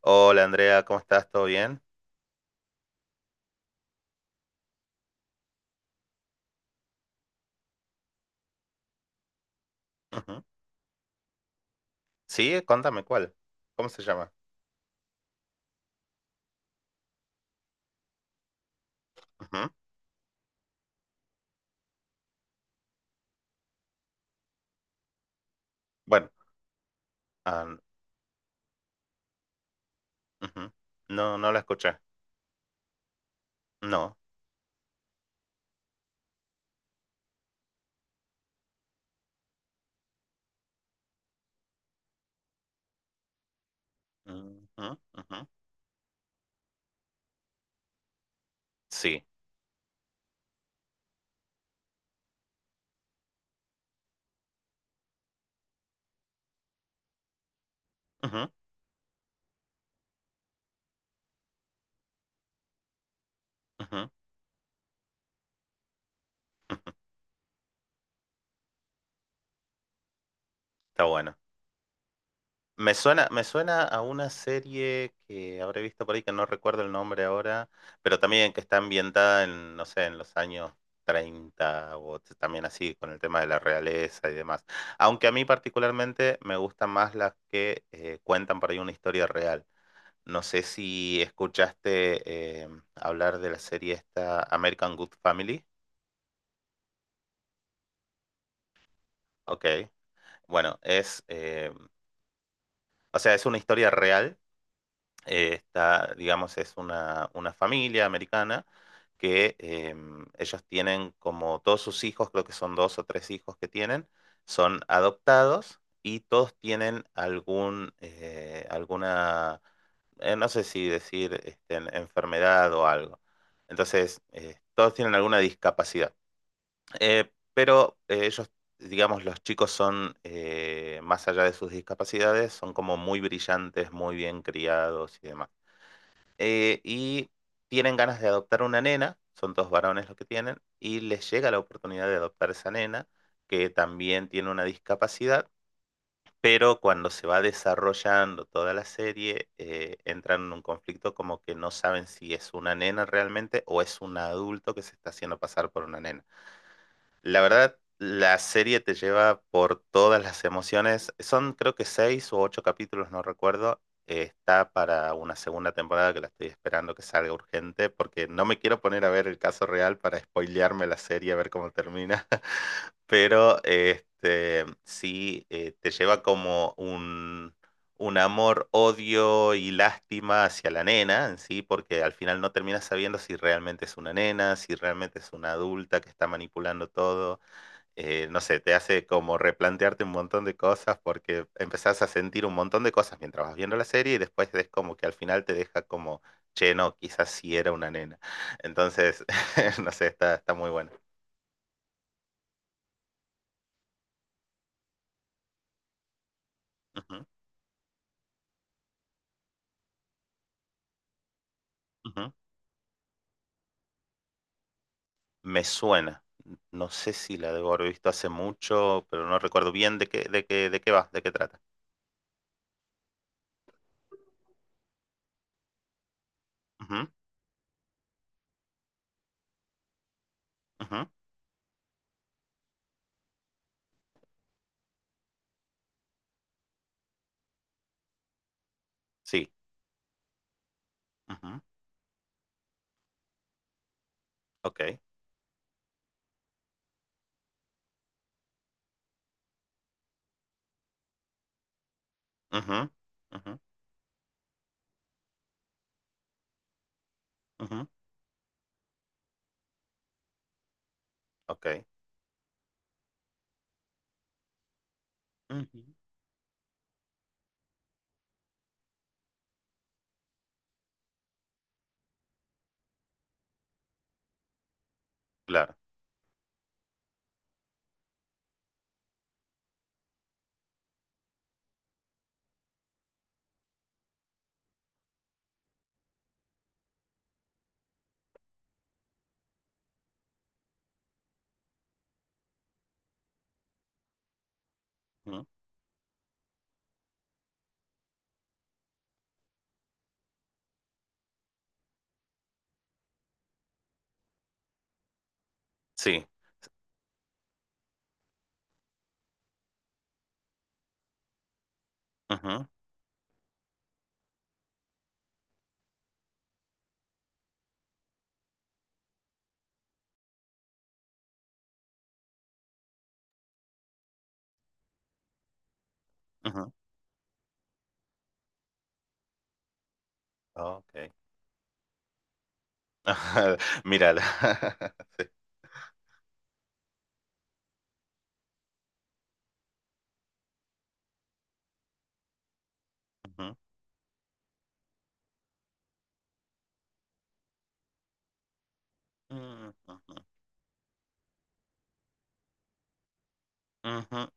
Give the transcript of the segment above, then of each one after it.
Hola Andrea, ¿cómo estás? ¿Todo bien? Ujú. Sí, contame cuál. ¿Cómo se llama? Ujú. Bueno, ah, ujú. No, no la escuché. No. Ujú, ujú. Sí. Ujú, ujú, ujú. Está bueno. Me suena a una serie que habré visto por ahí, que no recuerdo el nombre ahora, pero también que está ambientada en, no sé, en los años 30 también así, con el tema de la realeza y demás. Aunque a mí particularmente me gustan más las que cuentan por ahí una historia real. No sé si escuchaste hablar de la serie esta American Good Family. Ok. Bueno, o sea, es una historia real está, digamos, es una familia americana que ellos tienen como todos sus hijos, creo que son dos o tres hijos que tienen, son adoptados y todos tienen alguna, no sé si decir enfermedad o algo. Entonces, todos tienen alguna discapacidad. Pero ellos, digamos, los chicos son, más allá de sus discapacidades, son como muy brillantes, muy bien criados y demás y tienen ganas de adoptar una nena, son dos varones los que tienen, y les llega la oportunidad de adoptar esa nena, que también tiene una discapacidad, pero cuando se va desarrollando toda la serie, entran en un conflicto como que no saben si es una nena realmente o es un adulto que se está haciendo pasar por una nena. La verdad, la serie te lleva por todas las emociones. Son creo que seis o ocho capítulos, no recuerdo. Está para una segunda temporada que la estoy esperando que salga urgente porque no me quiero poner a ver el caso real para spoilearme la serie, a ver cómo termina. Pero sí, te lleva como un amor, odio y lástima hacia la nena en sí, porque al final no terminas sabiendo si realmente es una nena, si realmente es una adulta que está manipulando todo no sé, te hace como replantearte un montón de cosas porque empezás a sentir un montón de cosas mientras vas viendo la serie y después es como que al final te deja como, che, no, quizás sí era una nena. Entonces, no sé, está, está muy buena. Ujú, ujú. Me suena. No sé si la debo haber visto hace mucho, pero no recuerdo bien de qué va, de qué trata. Ujú, ujú. Sí. Ujú. Ok. Ujú, ujú, ujú. Ok. Ujú. Claro. Ujú. Sí. Ujú, ujú. Okay. Mírala. Ujú. Mm. Ujú, ujú.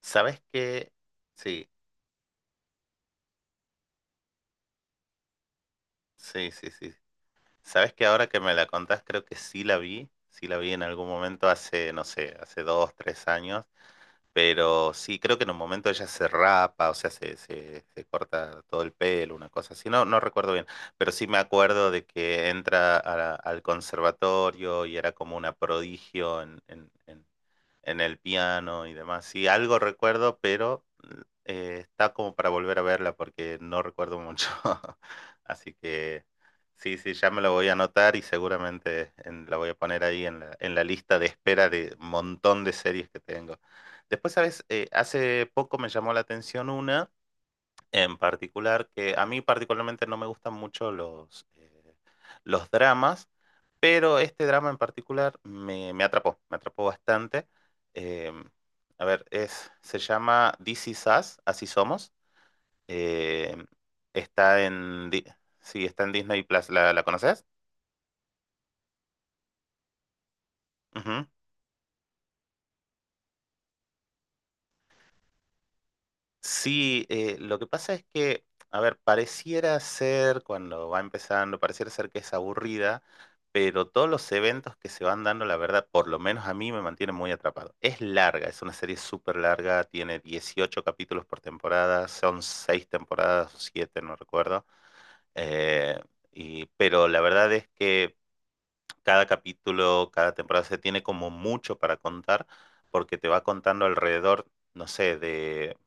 ¿Sabes qué? Sí, sí, sí, sí. ¿Sabes que ahora que me la contás, creo que sí la vi? Sí la vi en algún momento hace, no sé, hace 2, 3 años. Pero sí, creo que en un momento ella se rapa, o sea, se corta todo el pelo, una cosa así. No, no recuerdo bien, pero sí me acuerdo de que entra a al conservatorio y era como una prodigio en, en el piano y demás. Sí, algo recuerdo, pero está como para volver a verla porque no recuerdo mucho. Así que sí, sí, ya me lo voy a anotar y seguramente la voy a poner ahí en en la lista de espera de un montón de series que tengo. Después, ¿sabes? Hace poco me llamó la atención una en particular que a mí particularmente no me gustan mucho los dramas, pero este drama en particular me atrapó, me atrapó bastante. Eh, a ver, se llama This Is Us, Así Somos. Eh, está en, Di- sí, está en Disney Plus. La conoces? Ujú. Sí, lo que pasa es que, a ver, pareciera ser, cuando va empezando, pareciera ser que es aburrida, pero todos los eventos que se van dando, la verdad, por lo menos a mí me mantiene muy atrapado. Es larga, es una serie súper larga, tiene 18 capítulos por temporada, son 6 temporadas o siete, no recuerdo. eh, pero la verdad es que cada capítulo, cada temporada se tiene como mucho para contar, porque te va contando alrededor. No sé, de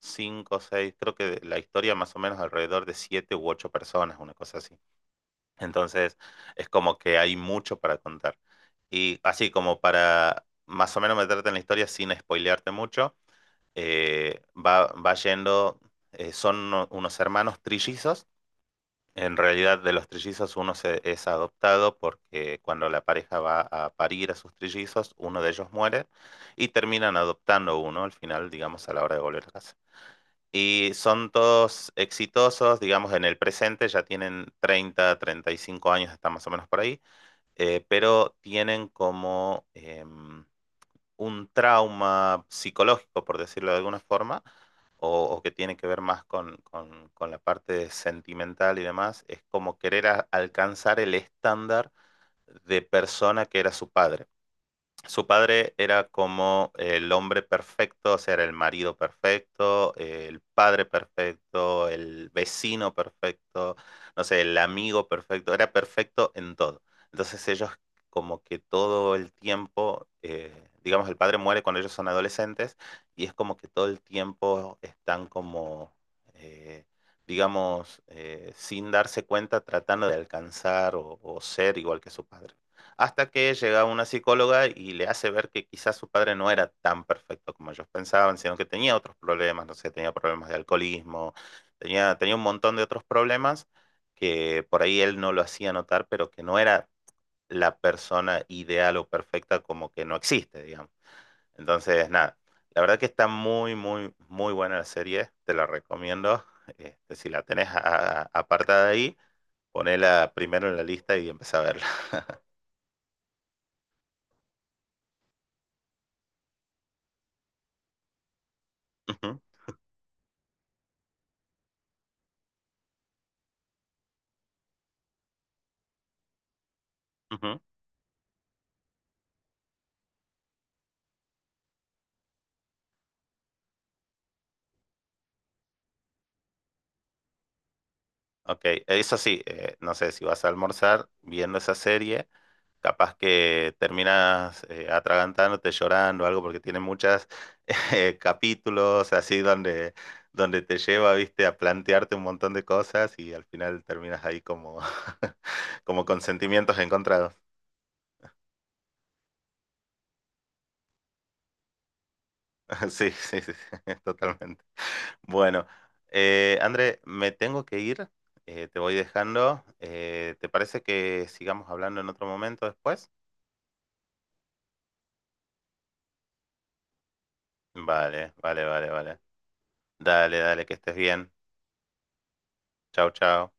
cinco, seis, creo que la historia más o menos alrededor de siete u ocho personas, una cosa así. Entonces, es como que hay mucho para contar. Y así como para más o menos meterte en la historia sin spoilearte mucho, va yendo, son unos hermanos trillizos. En realidad, de los trillizos uno es adoptado porque cuando la pareja va a parir a sus trillizos, uno de ellos muere y terminan adoptando uno al final, digamos, a la hora de volver a casa. Y son todos exitosos, digamos, en el presente, ya tienen 35 años, están más o menos por ahí, pero tienen como un trauma psicológico, por decirlo de alguna forma, o que tiene que ver más con la parte sentimental y demás, es como querer alcanzar el estándar de persona que era su padre. Su padre era como el hombre perfecto, o sea, era el marido perfecto, el padre perfecto, el vecino perfecto, no sé, el amigo perfecto, era perfecto en todo. Entonces ellos como que todo el tiempo, digamos, el padre muere cuando ellos son adolescentes y es como que todo el tiempo están como, eh, digamos, sin darse cuenta, tratando de alcanzar o ser igual que su padre. Hasta que llega una psicóloga y le hace ver que quizás su padre no era tan perfecto como ellos pensaban, sino que tenía otros problemas, no sé, tenía problemas de alcoholismo, tenía un montón de otros problemas que por ahí él no lo hacía notar, pero que no era la persona ideal o perfecta, como que no existe, digamos. Entonces, nada, la verdad que está muy, muy, muy buena la serie, te la recomiendo. Si la tenés apartada ahí, ponela primero en la lista y empezá a verla. Ujú, ujú. Ok, eso sí, no sé si vas a almorzar viendo esa serie, capaz que terminas atragantándote, llorando, algo, porque tiene muchos capítulos así donde, donde te lleva, viste, a plantearte un montón de cosas y al final terminas ahí como, como con sentimientos encontrados. Sí, sí, sí, sí, totalmente. Bueno, André, me tengo que ir, te voy dejando. ¿Te parece que sigamos hablando en otro momento después? Vale, vale, vale, vale. Dale, dale, que estés bien. Chao, chao.